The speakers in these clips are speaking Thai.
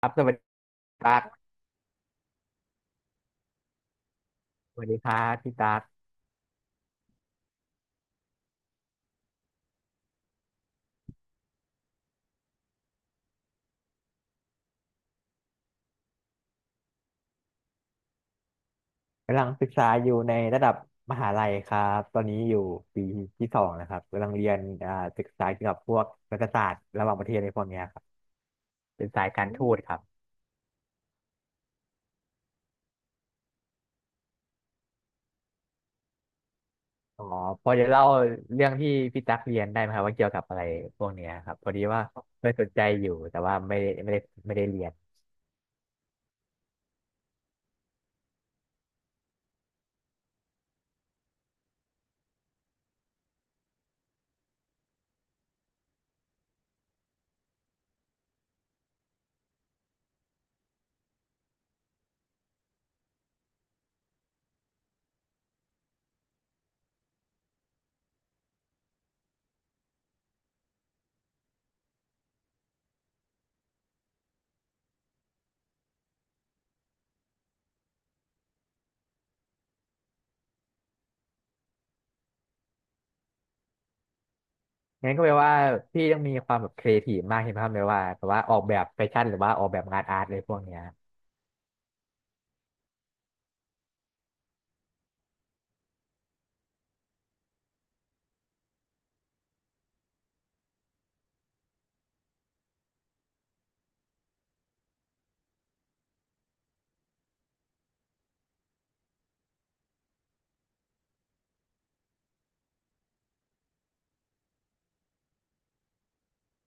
ครับสวัสดีตั๊กสวัสดีครับพี่ตั๊กกำลังศึกษาอยู่ในระดับมหาลัยครับตอนนี้อยู่ปีที่สองนะครับกำลังเรียนศึกษาเกี่ยวกับพวกรัฐศาสตร์ระหว่างประเทศในพวกเนี้ยครับเป็นสายการทูตครับอ๋อพอจะเล่าเรื่องที่พี่ตั๊กเรียนได้ไหมครับว่าเกี่ยวกับอะไรพวกเนี้ยครับพอดีว่าเคยสนใจอยู่แต่ว่าไม่ได้เรียนงั้นก็แปลว่าพี่ต้องมีความแบบครีเอทีฟมากใช่ไหมครับแปลว่าแบบว่าออกแบบแฟชั่นหรือว่าออกแบบงานอาร์ตอะไรพวกเนี้ย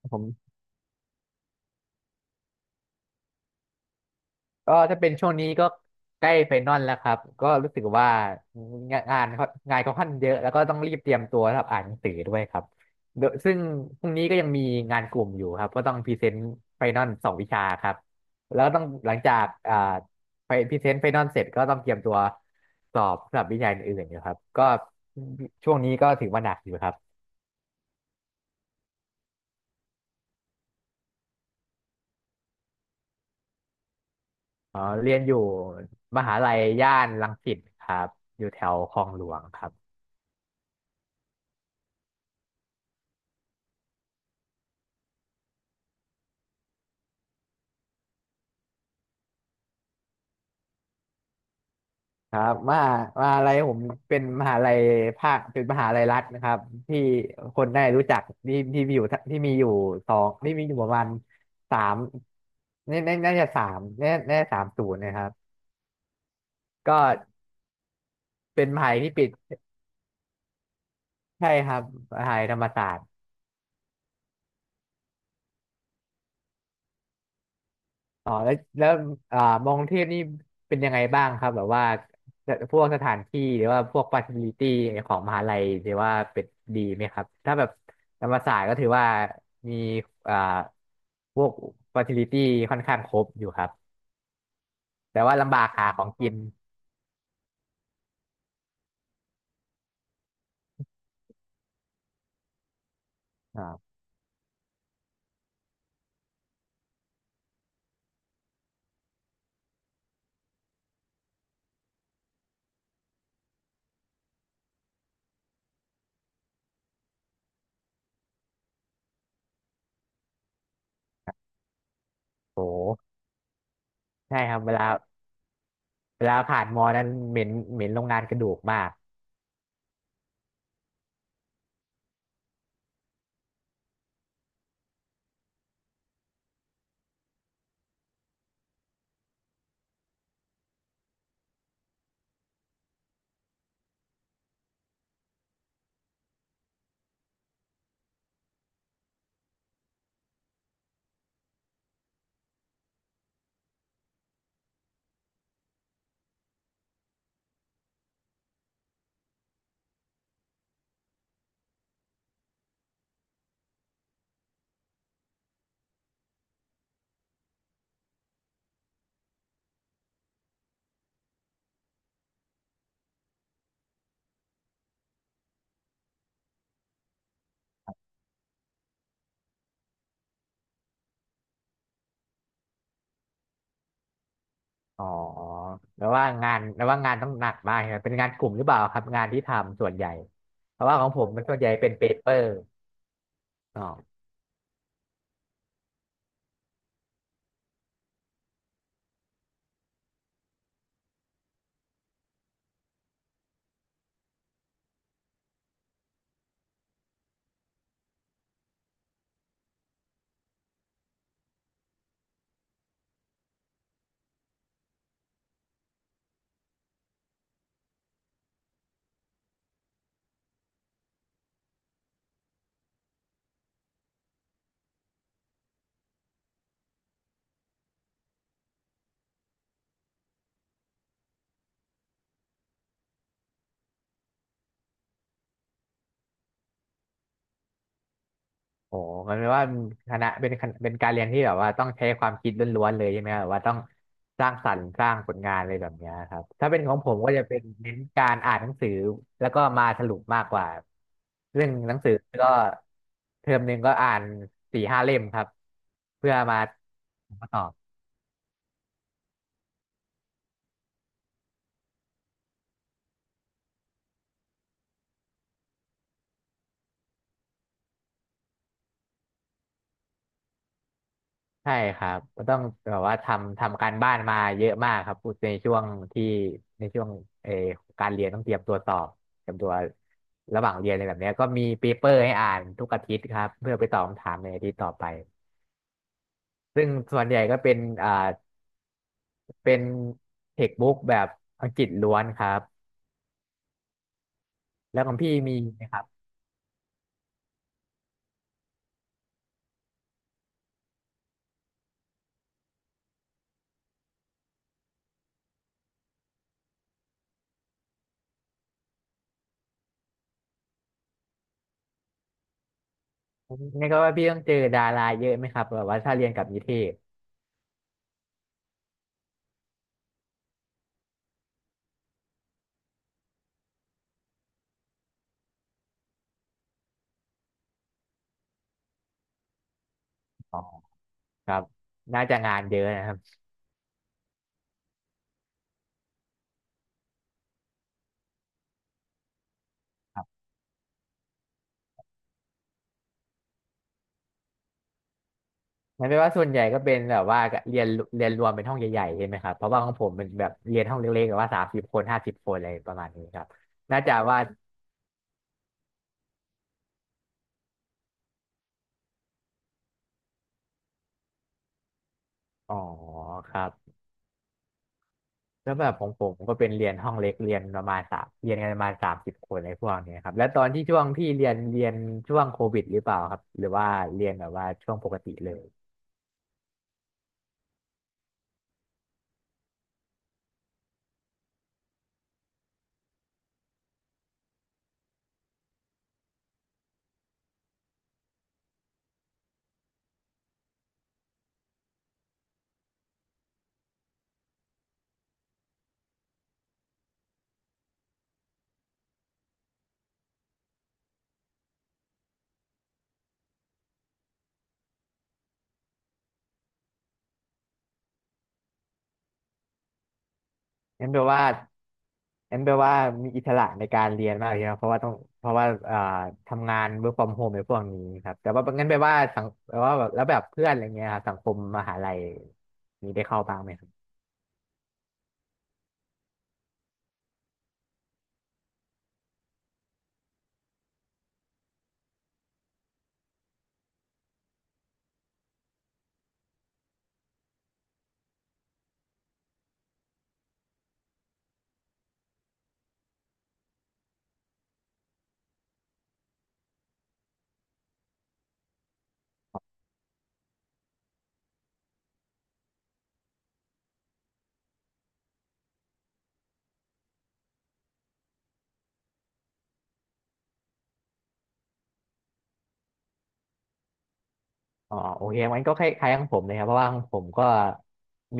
ผม ก็ถ้าเป็นช่วงนี้ก็ใกล้ไฟนอลแล้วครับก็รู้สึกว่างานเขาค่อนเยอะแล้วก็ต้องรีบเตรียมตัวสำหรับอ่านหนังสือด้วยครับโดยซึ่งพรุ่งนี้ก็ยังมีงานกลุ่มอยู่ครับก็ต้องพรีเซนต์ไฟนอลสองวิชาครับแล้วต้องหลังจากไปพรีเซนต์ไฟนอลเสร็จก็ต้องเตรียมตัวสอบสำหรับวิชาอื่นๆอยู่ครับก็ช่วงนี้ก็ถือว่าหนักอยู่ครับอ๋อเรียนอยู่มหาลัยย่านรังสิตครับอยู่แถวคลองหลวงครับ ครับมหาลัยผมเป็นมหาลัยภาคเป็นมหาลัยรัฐนะครับที่คนได้รู้จักที่มีอยู่สองที่มีอยู่ประมาณสามน่าน่าน่าจะสามน่าน่าจะสามศูนย์นะครับก็เป็นมหาลัยที่ปิดใช่ครับมหาลัยธรรมศาสตร์ อ๋อแล้วอ่ามองเทพนี่เป็นยังไงบ้างครับแบบว่าพวกสถานที่หรือว่าพวกฟาซิลิตี้ของมหาลัยหรือว่าเป็นดีไหมครับถ้าแบบธรรมศาสตร์ก็ถือว่ามีอ่าพวกฟาซิลิตี้ค่อนข้างครบอยู่ครับแต่ว่าลำบากหาของกินอ่าโหใช่ครับเวลาผ่านมอนั้นเหม็นเหม็นโรงงานกระดูกมาก อ๋อแล้วว่างานต้องหนักมากใช่ไหมเป็นงานกลุ่มหรือเปล่าครับงานที่ทำส่วนใหญ่เพราะว่าของผมมันส่วนใหญ่เป็นเปเปอร์อ๋อโอ้มันแปลว่าคณะเป็นการเรียนที่แบบว่าต้องใช้ความคิดล้วนๆเลยใช่ไหมครับแบบว่าต้องสร้างสรรค์สร้างผลงานอะไรแบบเนี้ยครับถ้าเป็นของผมก็จะเป็นเน้นการอ่านหนังสือแล้วก็มาสรุปมากกว่าเรื่องหนังสือก็เทอมหนึ่งก็อ่านสี่ห้าเล่มครับเพื่อมาตอบ ใช่ครับก็ต้องแบบว่าทำการบ้านมาเยอะมากครับในช่วงที่ในช่วงเออการเรียนต้องเตรียมตัวสอบเตรียมตัวระหว่างเรียนอะไรแบบเนี้ยก็มีเปเปอร์ให้อ่านทุกอาทิตย์ครับเพื่อไปตอบคำถามในอาทิตย์ต่อไปซึ่งส่วนใหญ่ก็เป็นอ่าเป็นเทคบุ๊กแบบอังกฤษล้วนครับแล้วของพี่มีไหมครับนี่ก็ว่าพี่ต้องเจอดาราเยอะไหมครับแบบว่าถ้าเรียนกับนิเทศอ๋อครับน่าจะงานเยอะนะครับ มันเปลว่าส่วนใหญ่ก็เป็นแบบว่าเรียนเรียนรวมเป็นห้องใหญ่ๆใช่ไหมครับเพราะว่าของผมมันแบบเรียนห้องเล็กๆแบบว่าสามสิบคนห้าสิบคนอะไรประมาณนี้ครับน่าจะว่าอ๋อครับแล้วแบบของผมก็เป็นเรียนห้องเล็กเรียนประมาณสามเรียนกันประมาณสามสิบคนอะไรพวกเนี้ยครับแล้วตอนที่ช่วงที่เรียนช่วงโควิดหรือเปล่าครับหรือว่าเรียนแบบว่าช่วงปกติเลย งั้นแปลว่างั้นแปลว่ามีอิสระในการเรียนมากเลยนะเพราะว่าต้องเพราะว่าทำงาน work from home ในพวกนี้ครับแต่ว่างั้นแปลว่าสังแปลว่าแบบแล้วแบบเพื่อนอะไรเงี้ยครับสังคมมหาลัยมีได้เข้าบ้างไหมครับอ๋อโอเคงั้นก็คล้ายๆของผมเลยครับเพราะว่าของผมก็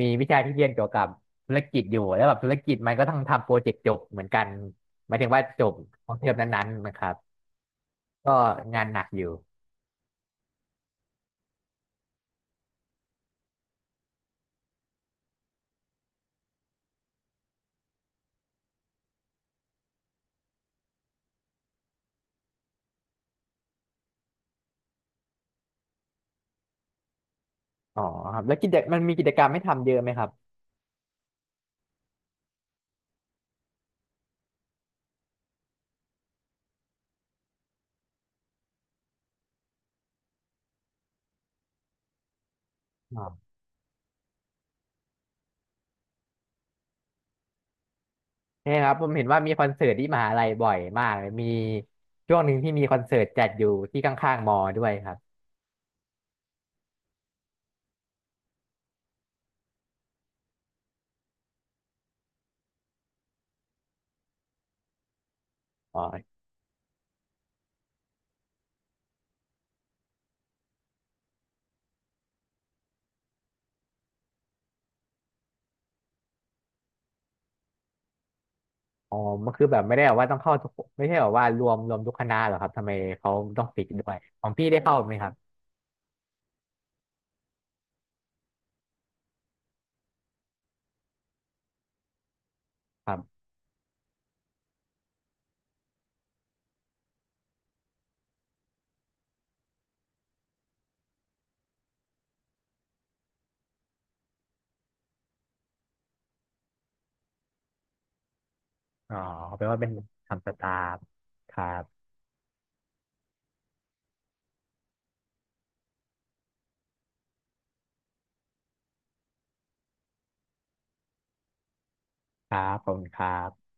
มีวิชาที่เรียนเกี่ยวกับธุรกิจอยู่แล้วแบบธุรกิจมันก็ต้องทำโปรเจกต์จบเหมือนกันหมายถึงว่าจบของเทอมนั้นๆนะครับก็งานหนักอยู่อ๋อครับแล้วมันมีกิจกรรมให้ทำเยอะไหมครับ เนี่ยครับผมเห็นว่ามีคอนเสิร์ตที่มหาลัยบ่อยมากเลยมีช่วงหนึ่งที่มีคอนเสิร์ตจัดอยู่ที่ข้างๆมอด้วยครับอ๋ออ๋อมันคือแบบไม่ได้แบบว่าต้องเข้าทุกไม่ใช่แบบว่ารวมทุกคณะเหรอครับทำไมเขาต้องปิดด้วยของพี่ได้เข้าไหมครับครับอ๋อแปลว่าเป็นทำสตาฟครับครับขอบคุณครับ